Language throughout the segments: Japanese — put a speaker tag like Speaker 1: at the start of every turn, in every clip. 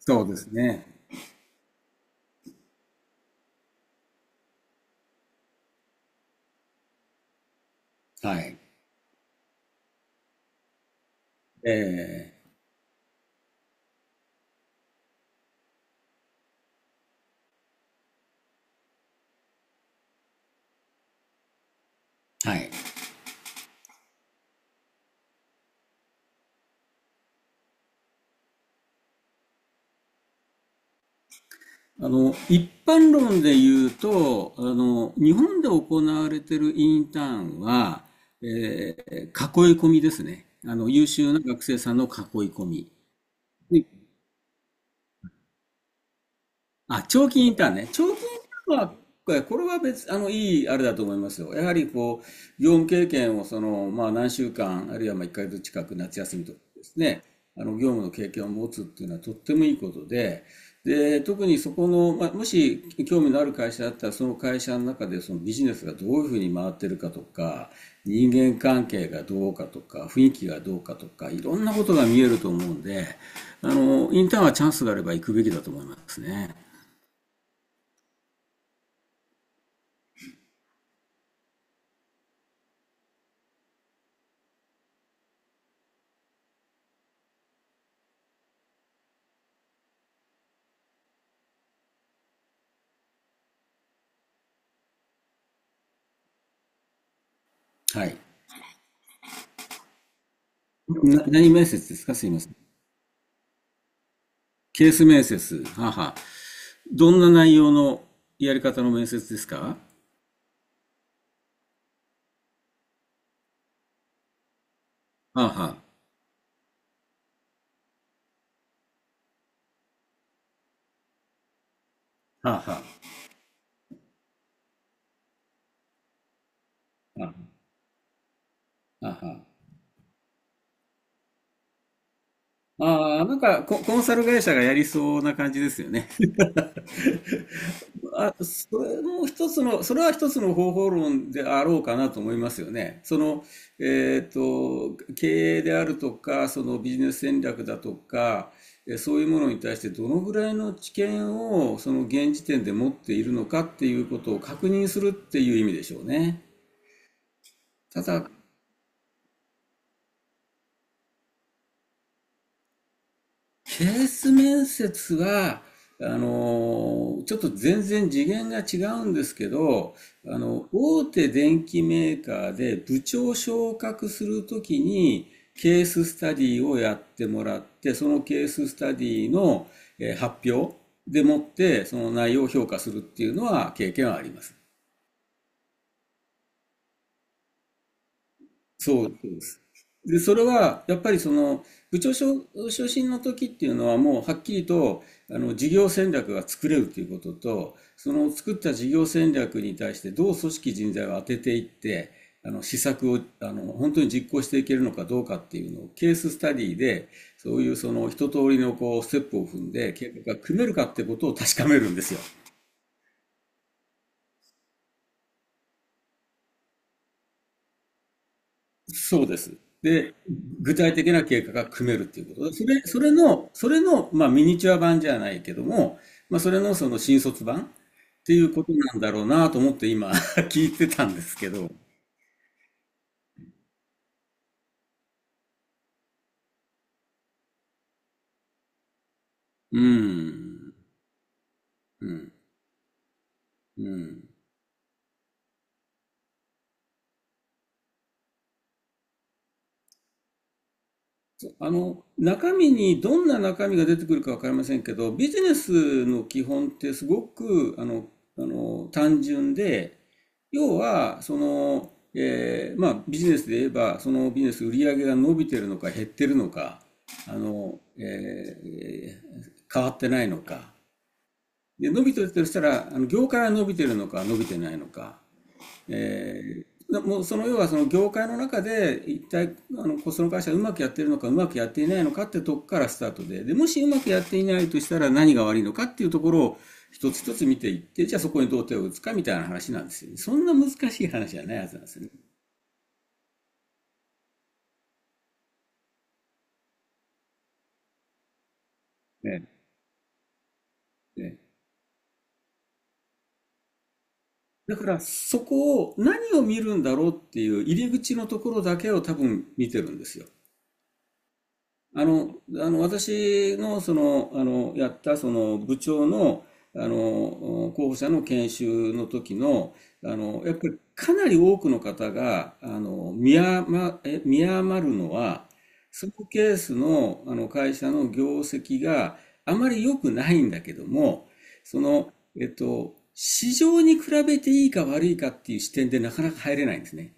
Speaker 1: そうですね。はい。えはい。一般論で言うと、日本で行われているインターンは、え囲い込みですね。優秀な学生さんの囲い込み。で長期インターンね。長期インターンは、これは別、いいあれだと思いますよ。やはりこう、業務経験をまあ何週間、あるいはまあ1ヶ月近く夏休みとかですね、業務の経験を持つっていうのはとってもいいことで、で、特にそこの、まあ、もし興味のある会社だったら、その会社の中でそのビジネスがどういうふうに回ってるかとか、人間関係がどうかとか、雰囲気がどうかとか、いろんなことが見えると思うんで、インターンはチャンスがあれば行くべきだと思いますね。はい。何面接ですかすいません。ケース面接。はあはあ。どんな内容のやり方の面接ですかあはあ。はあはあ。ははあはあ、ああコンサル会社がやりそうな感じですよね。あ、それは一つの方法論であろうかなと思いますよね。経営であるとか、そのビジネス戦略だとか、そういうものに対してどのぐらいの知見をその現時点で持っているのかっていうことを確認するっていう意味でしょうね。ただ、ケース面接は、ちょっと全然次元が違うんですけど、大手電機メーカーで部長昇格するときに、ケーススタディをやってもらって、そのケーススタディの発表でもって、その内容を評価するっていうのは経験はあります。そうです。で、それは、やっぱり部長昇進の時っていうのは、もうはっきりと、事業戦略が作れるということと、その作った事業戦略に対してどう組織人材を当てていって、施策を、本当に実行していけるのかどうかっていうのを、ケーススタディで、そういうその、一通りのこう、ステップを踏んで、計画が組めるかってことを確かめるんですよ。そうです。で、具体的な計画が組めるっていうこと。それの、まあ、ミニチュア版じゃないけども、まあ、それのその新卒版っていうことなんだろうなと思って今 聞いてたんですけど。うん。うん。うん。中身にどんな中身が出てくるかわかりませんけど、ビジネスの基本ってすごく、単純で、要は、ビジネスで言えば、そのビジネス売り上げが伸びてるのか減ってるのか、あの、え変わってないのか。で、伸びてるとしたら、業界が伸びてるのか伸びてないのか。もうその要はその業界の中で一体あのその会社がうまくやってるのかうまくやっていないのかってとこからスタートで、でもしうまくやっていないとしたら何が悪いのかっていうところを一つ一つ見ていってじゃあそこにどう手を打つかみたいな話なんですよ、ね、そんな難しい話じゃないはずなんですよね。ねね、だからそこを何を見るんだろうっていう入り口のところだけを多分見てるんですよ。私の、やった、部長の、候補者の研修の時の、やっぱりかなり多くの方が、見余るのは、そのケースの、会社の業績があまり良くないんだけども、その、市場に比べていいか悪いかっていう視点でなかなか入れないんですね。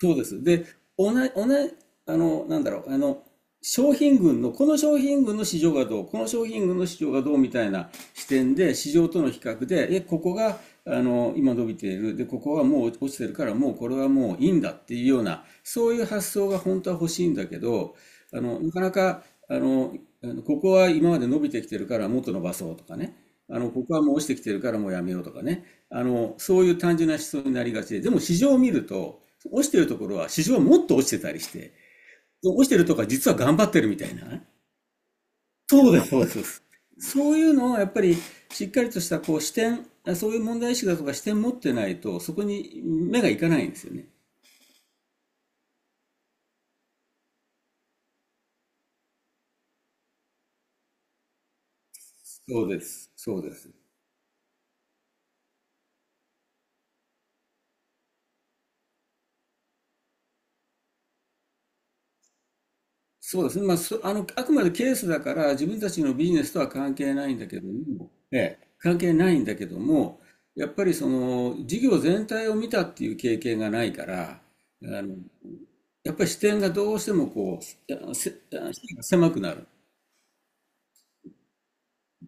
Speaker 1: そうです。で、同じ、なんだろう、商品群の、この商品群の市場がどう、この商品群の市場がどうみたいな視点で、市場との比較で、ここが、今伸びている、で、ここはもう落ちてるから、もうこれはもういいんだっていうような、そういう発想が本当は欲しいんだけど、あの、なかなか、あの、あのここは今まで伸びてきてるからもっと伸ばそうとかね。ここはもう落ちてきてるからもうやめようとかね。そういう単純な思想になりがちで、でも市場を見ると、落ちてるところは市場はもっと落ちてたりして、落ちてるとか実は頑張ってるみたいな。そうです、そうです。そういうのをやっぱりしっかりとしたこう視点、そういう問題意識だとか視点持ってないと、そこに目がいかないんですよね。そうです、そうです。そうですね、まあ、あくまでケースだから、自分たちのビジネスとは関係ないんだけども、ええ、関係ないんだけども、やっぱりその、事業全体を見たっていう経験がないから、あの、やっぱり視点がどうしてもう、せ、視野が狭くなる。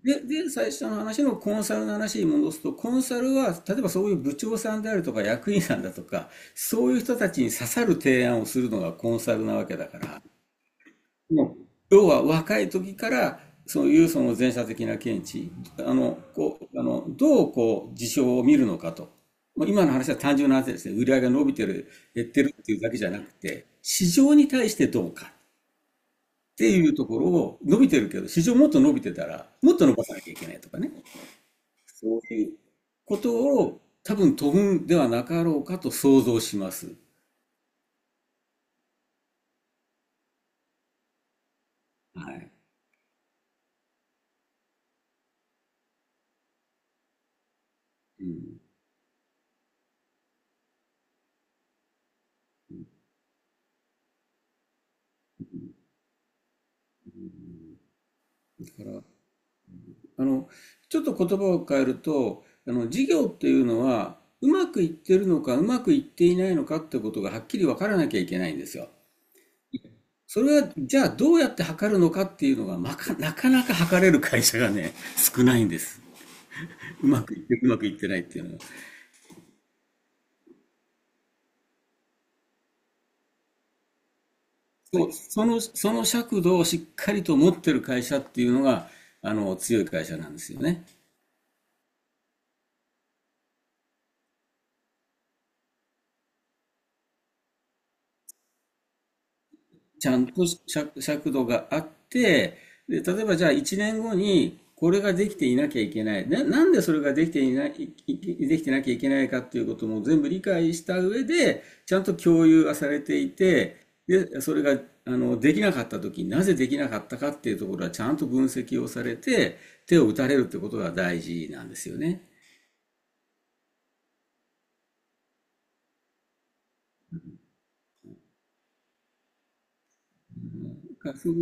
Speaker 1: で、最初の話のコンサルの話に戻すと、コンサルは、例えばそういう部長さんであるとか役員さんだとか、そういう人たちに刺さる提案をするのがコンサルなわけだから、ね、要は若い時からそういうその前者的な見地、どうこう事象を見るのかと。もう今の話は単純な話ですね。売り上げが伸びてる、減ってるっていうだけじゃなくて、市場に対してどうかっていうところを伸びてるけど、市場もっと伸びてたら、もっと伸ばさなきゃいけないとかね。そういうことを多分とぶんではなかろうかと想像します。はい。うん。だから、あの、ちょっと言葉を変えると、事業っていうのは、うまくいってるのか、うまくいっていないのかってことがはっきり分からなきゃいけないんですよ。それは、じゃあどうやって測るのかっていうのが、なかなか測れる会社がね、少ないんです。うまくいって、うまくいってないっていうのは。そう、その尺度をしっかりと持ってる会社っていうのが、強い会社なんですよね。ちゃんと尺度があって、で、例えばじゃあ1年後にこれができていなきゃいけない。なんでそれができてなきゃいけないかっていうことも全部理解した上で、ちゃんと共有がされていて、で、それが、できなかった時になぜできなかったかっていうところはちゃんと分析をされて、手を打たれるってことが大事なんですよね。だからそう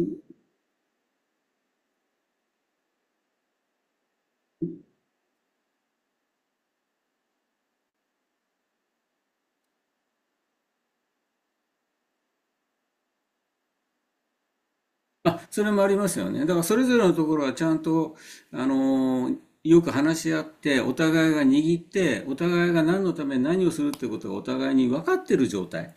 Speaker 1: あ、それもありますよね。だからそれぞれのところはちゃんと、よく話し合って、お互いが握って、お互いが何のために何をするってことがお互いに分かってる状態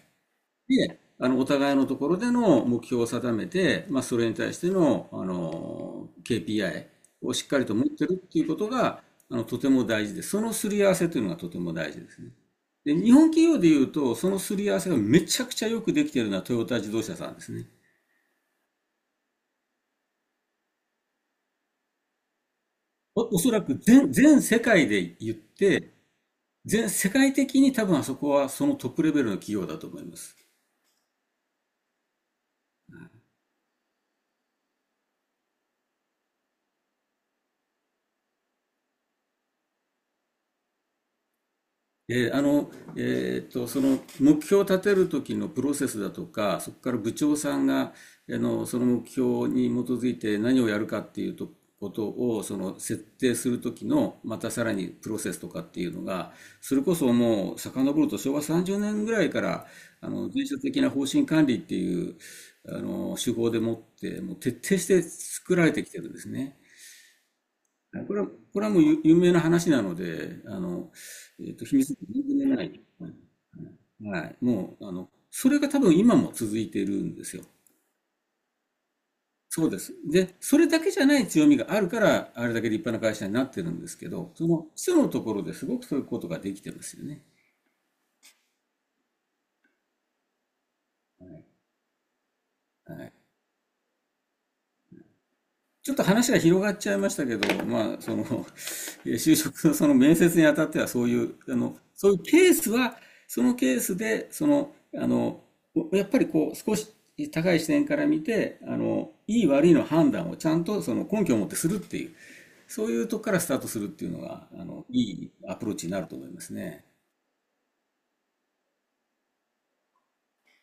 Speaker 1: で、お互いのところでの目標を定めて、まあ、それに対しての、あのケー KPI をしっかりと持ってるっていうことが、とても大事で、そのすり合わせというのがとても大事ですね。で、日本企業でいうと、そのすり合わせがめちゃくちゃよくできているのはトヨタ自動車さんですね。おそらく全世界で言って、全世界的に多分あそこはそのトップレベルの企業だと思います。えーあの、その目標を立てる時のプロセスだとか、そこから部長さんが、その目標に基づいて何をやるかっていうとことを、その設定する時の、またさらにプロセスとかっていうのが、それこそもう遡ると昭和30年ぐらいから、全社的な方針管理っていう、手法でもって、もう徹底して作られてきてるんですね。これは、これはもう有名な話なので、秘密で全然ない。はい。もう、あの、それが多分今も続いているんですよ。そうです。で、それだけじゃない強みがあるから、あれだけ立派な会社になってるんですけど、その基礎のところですごくそういうことができてますよね。はい。ちょっと話が広がっちゃいましたけど、まあ、就職のその面接にあたってはそういう、そういうケースは、そのケースで、やっぱりこう、少し高い視点から見て、いい悪いの判断をちゃんとその根拠を持ってするっていう、そういうとこからスタートするっていうのが、いいアプローチになると思いますね。